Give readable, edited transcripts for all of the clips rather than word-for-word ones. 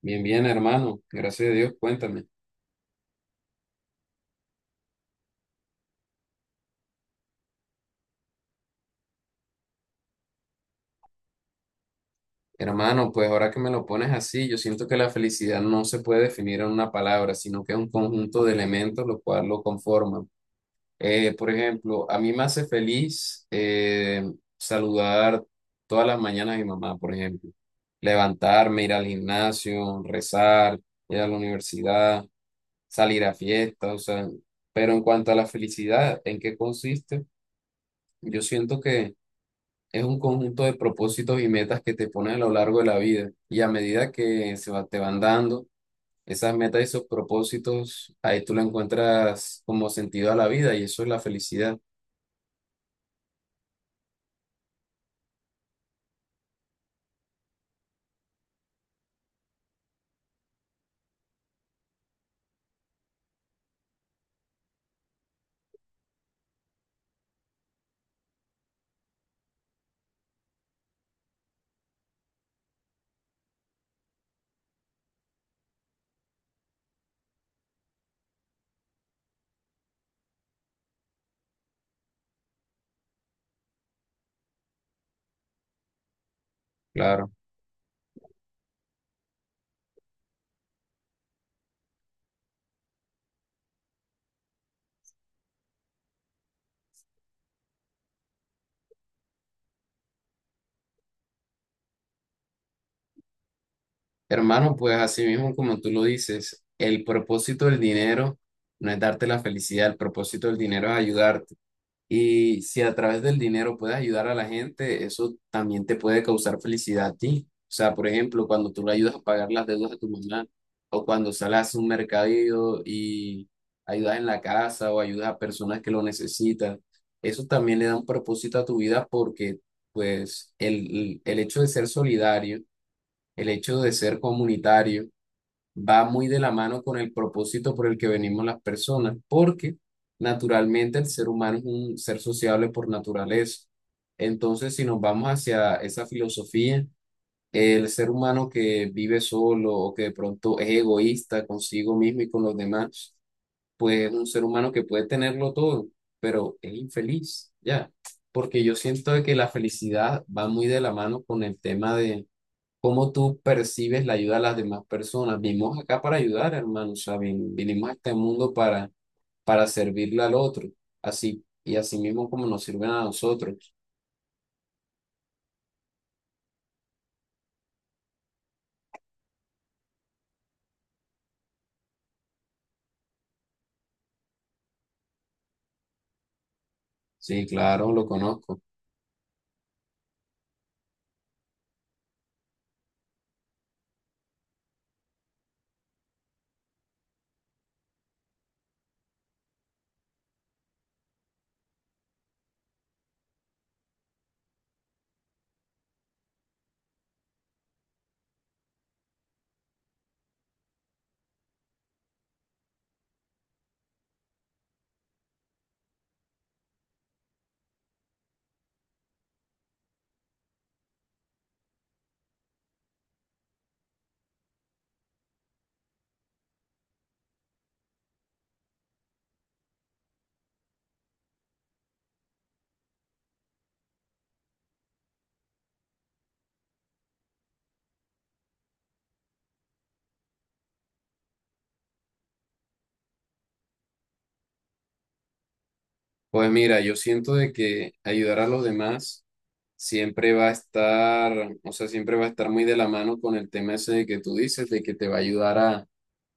Bien, bien, hermano. Gracias a Dios. Cuéntame. Hermano, pues ahora que me lo pones así, yo siento que la felicidad no se puede definir en una palabra, sino que es un conjunto de elementos lo cual lo conforman. Por ejemplo, a mí me hace feliz saludar todas las mañanas a mi mamá, por ejemplo. Levantarme, ir al gimnasio, rezar, ir a la universidad, salir a fiestas, o sea, pero en cuanto a la felicidad, ¿en qué consiste? Yo siento que es un conjunto de propósitos y metas que te pones a lo largo de la vida. Y a medida que te van dando esas metas y esos propósitos, ahí tú le encuentras como sentido a la vida y eso es la felicidad, claro. Hermano, pues así mismo como tú lo dices, el propósito del dinero no es darte la felicidad, el propósito del dinero es ayudarte. Y si a través del dinero puedes ayudar a la gente, eso también te puede causar felicidad a ti. O sea, por ejemplo, cuando tú le ayudas a pagar las deudas de tu mamá, o cuando sales a un mercadillo y ayudas en la casa o ayudas a personas que lo necesitan, eso también le da un propósito a tu vida porque, pues, el, el hecho de ser solidario, el hecho de ser comunitario, va muy de la mano con el propósito por el que venimos las personas, porque naturalmente el ser humano es un ser sociable por naturaleza. Entonces, si nos vamos hacia esa filosofía, el ser humano que vive solo o que de pronto es egoísta consigo mismo y con los demás, pues es un ser humano que puede tenerlo todo, pero es infeliz, ¿ya? Porque yo siento de que la felicidad va muy de la mano con el tema de ¿cómo tú percibes la ayuda a las demás personas? Vinimos acá para ayudar, hermano. O sea, vinimos a este mundo para servirle al otro. Así, y así mismo como nos sirven a nosotros. Sí, claro, lo conozco. Pues mira, yo siento de que ayudar a los demás siempre va a estar, o sea, siempre va a estar muy de la mano con el tema ese de que tú dices, de que te va a ayudar a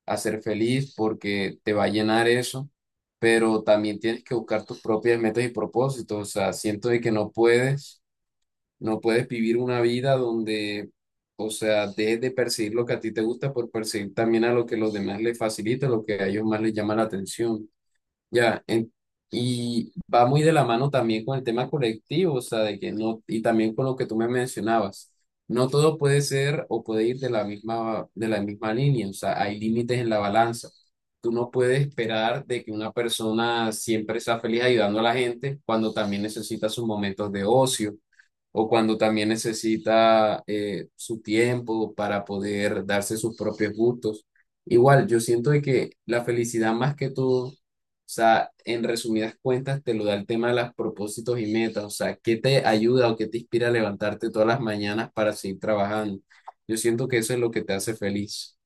a ser feliz porque te va a llenar eso, pero también tienes que buscar tus propias metas y propósitos. O sea, siento de que no puedes, no puedes vivir una vida donde, o sea, dejes de perseguir lo que a ti te gusta por perseguir también a lo que los demás les facilita, lo que a ellos más les llama la atención. Ya, y va muy de la mano también con el tema colectivo, o sea, de que no, y también con lo que tú me mencionabas, no todo puede ser o puede ir de la misma línea, o sea, hay límites en la balanza. Tú no puedes esperar de que una persona siempre sea feliz ayudando a la gente cuando también necesita sus momentos de ocio o cuando también necesita su tiempo para poder darse sus propios gustos. Igual, yo siento de que la felicidad más que todo, o sea, en resumidas cuentas, te lo da el tema de los propósitos y metas, o sea, qué te ayuda o qué te inspira a levantarte todas las mañanas para seguir trabajando. Yo siento que eso es lo que te hace feliz.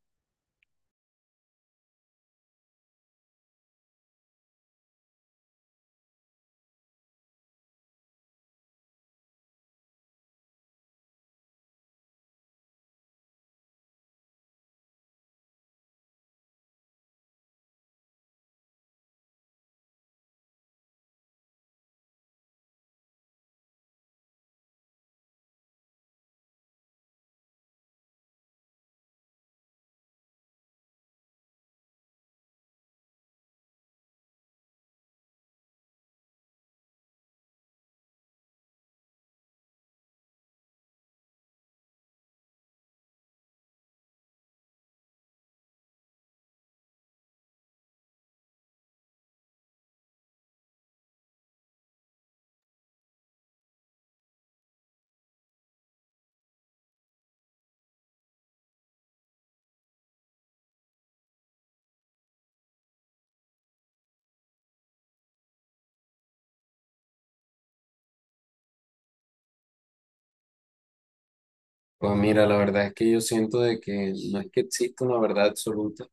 Pues mira, la verdad es que yo siento de que no es que exista una verdad absoluta,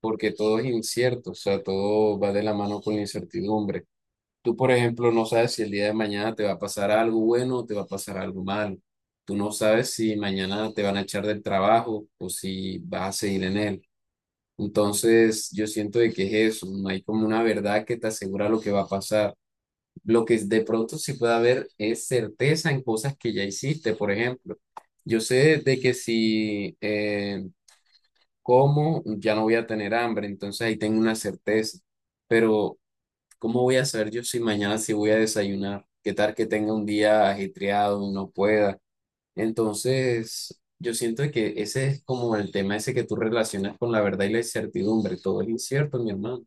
porque todo es incierto, o sea, todo va de la mano con la incertidumbre. Tú, por ejemplo, no sabes si el día de mañana te va a pasar algo bueno o te va a pasar algo malo. Tú no sabes si mañana te van a echar del trabajo o si vas a seguir en él. Entonces, yo siento de que es eso, no hay como una verdad que te asegura lo que va a pasar. Lo que de pronto sí puede haber es certeza en cosas que ya hiciste, por ejemplo. Yo sé de que si como, ya no voy a tener hambre, entonces ahí tengo una certeza, pero ¿cómo voy a saber yo si mañana sí voy a desayunar? ¿Qué tal que tenga un día ajetreado y no pueda? Entonces, yo siento que ese es como el tema ese que tú relacionas con la verdad y la incertidumbre. Todo es incierto, mi hermano.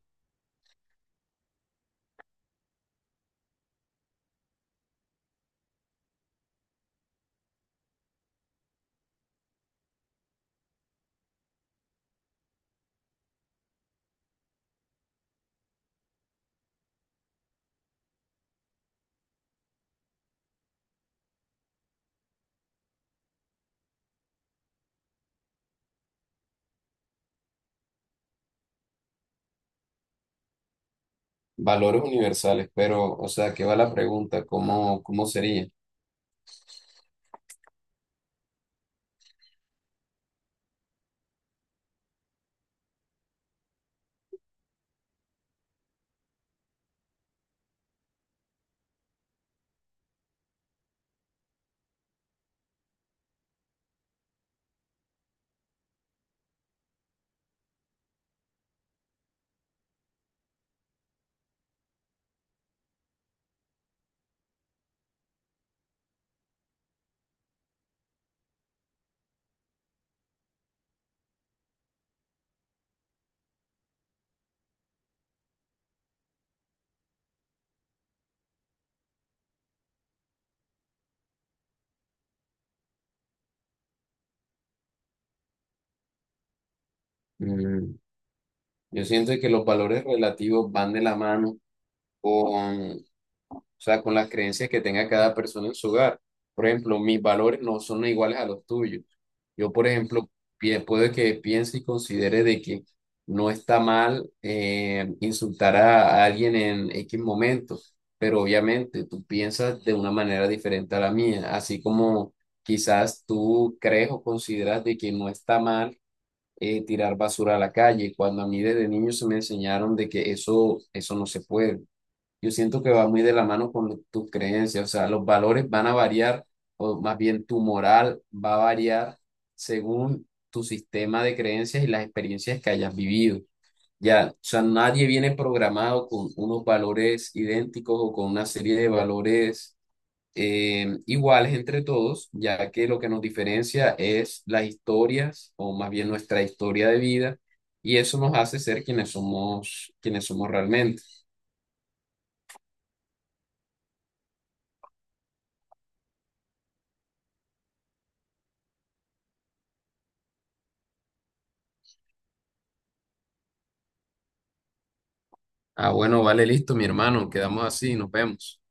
Valores universales, pero, o sea, ¿qué va la pregunta? ¿Cómo, cómo sería? Mm, yo siento que los valores relativos van de la mano con, o sea, con las creencias que tenga cada persona en su hogar. Por ejemplo, mis valores no son iguales a los tuyos. Yo, por ejemplo, puede que piense y considere de que no está mal insultar a alguien en X momento, pero obviamente tú piensas de una manera diferente a la mía, así como quizás tú crees o consideras de que no está mal tirar basura a la calle, cuando a mí desde niño se me enseñaron de que eso no se puede. Yo siento que va muy de la mano con tus creencias, o sea, los valores van a variar, o más bien tu moral va a variar según tu sistema de creencias y las experiencias que hayas vivido. Ya, o sea, nadie viene programado con unos valores idénticos o con una serie de valores iguales entre todos, ya que lo que nos diferencia es las historias, o más bien nuestra historia de vida, y eso nos hace ser quienes somos realmente. Ah, bueno, vale, listo, mi hermano. Quedamos así, nos vemos.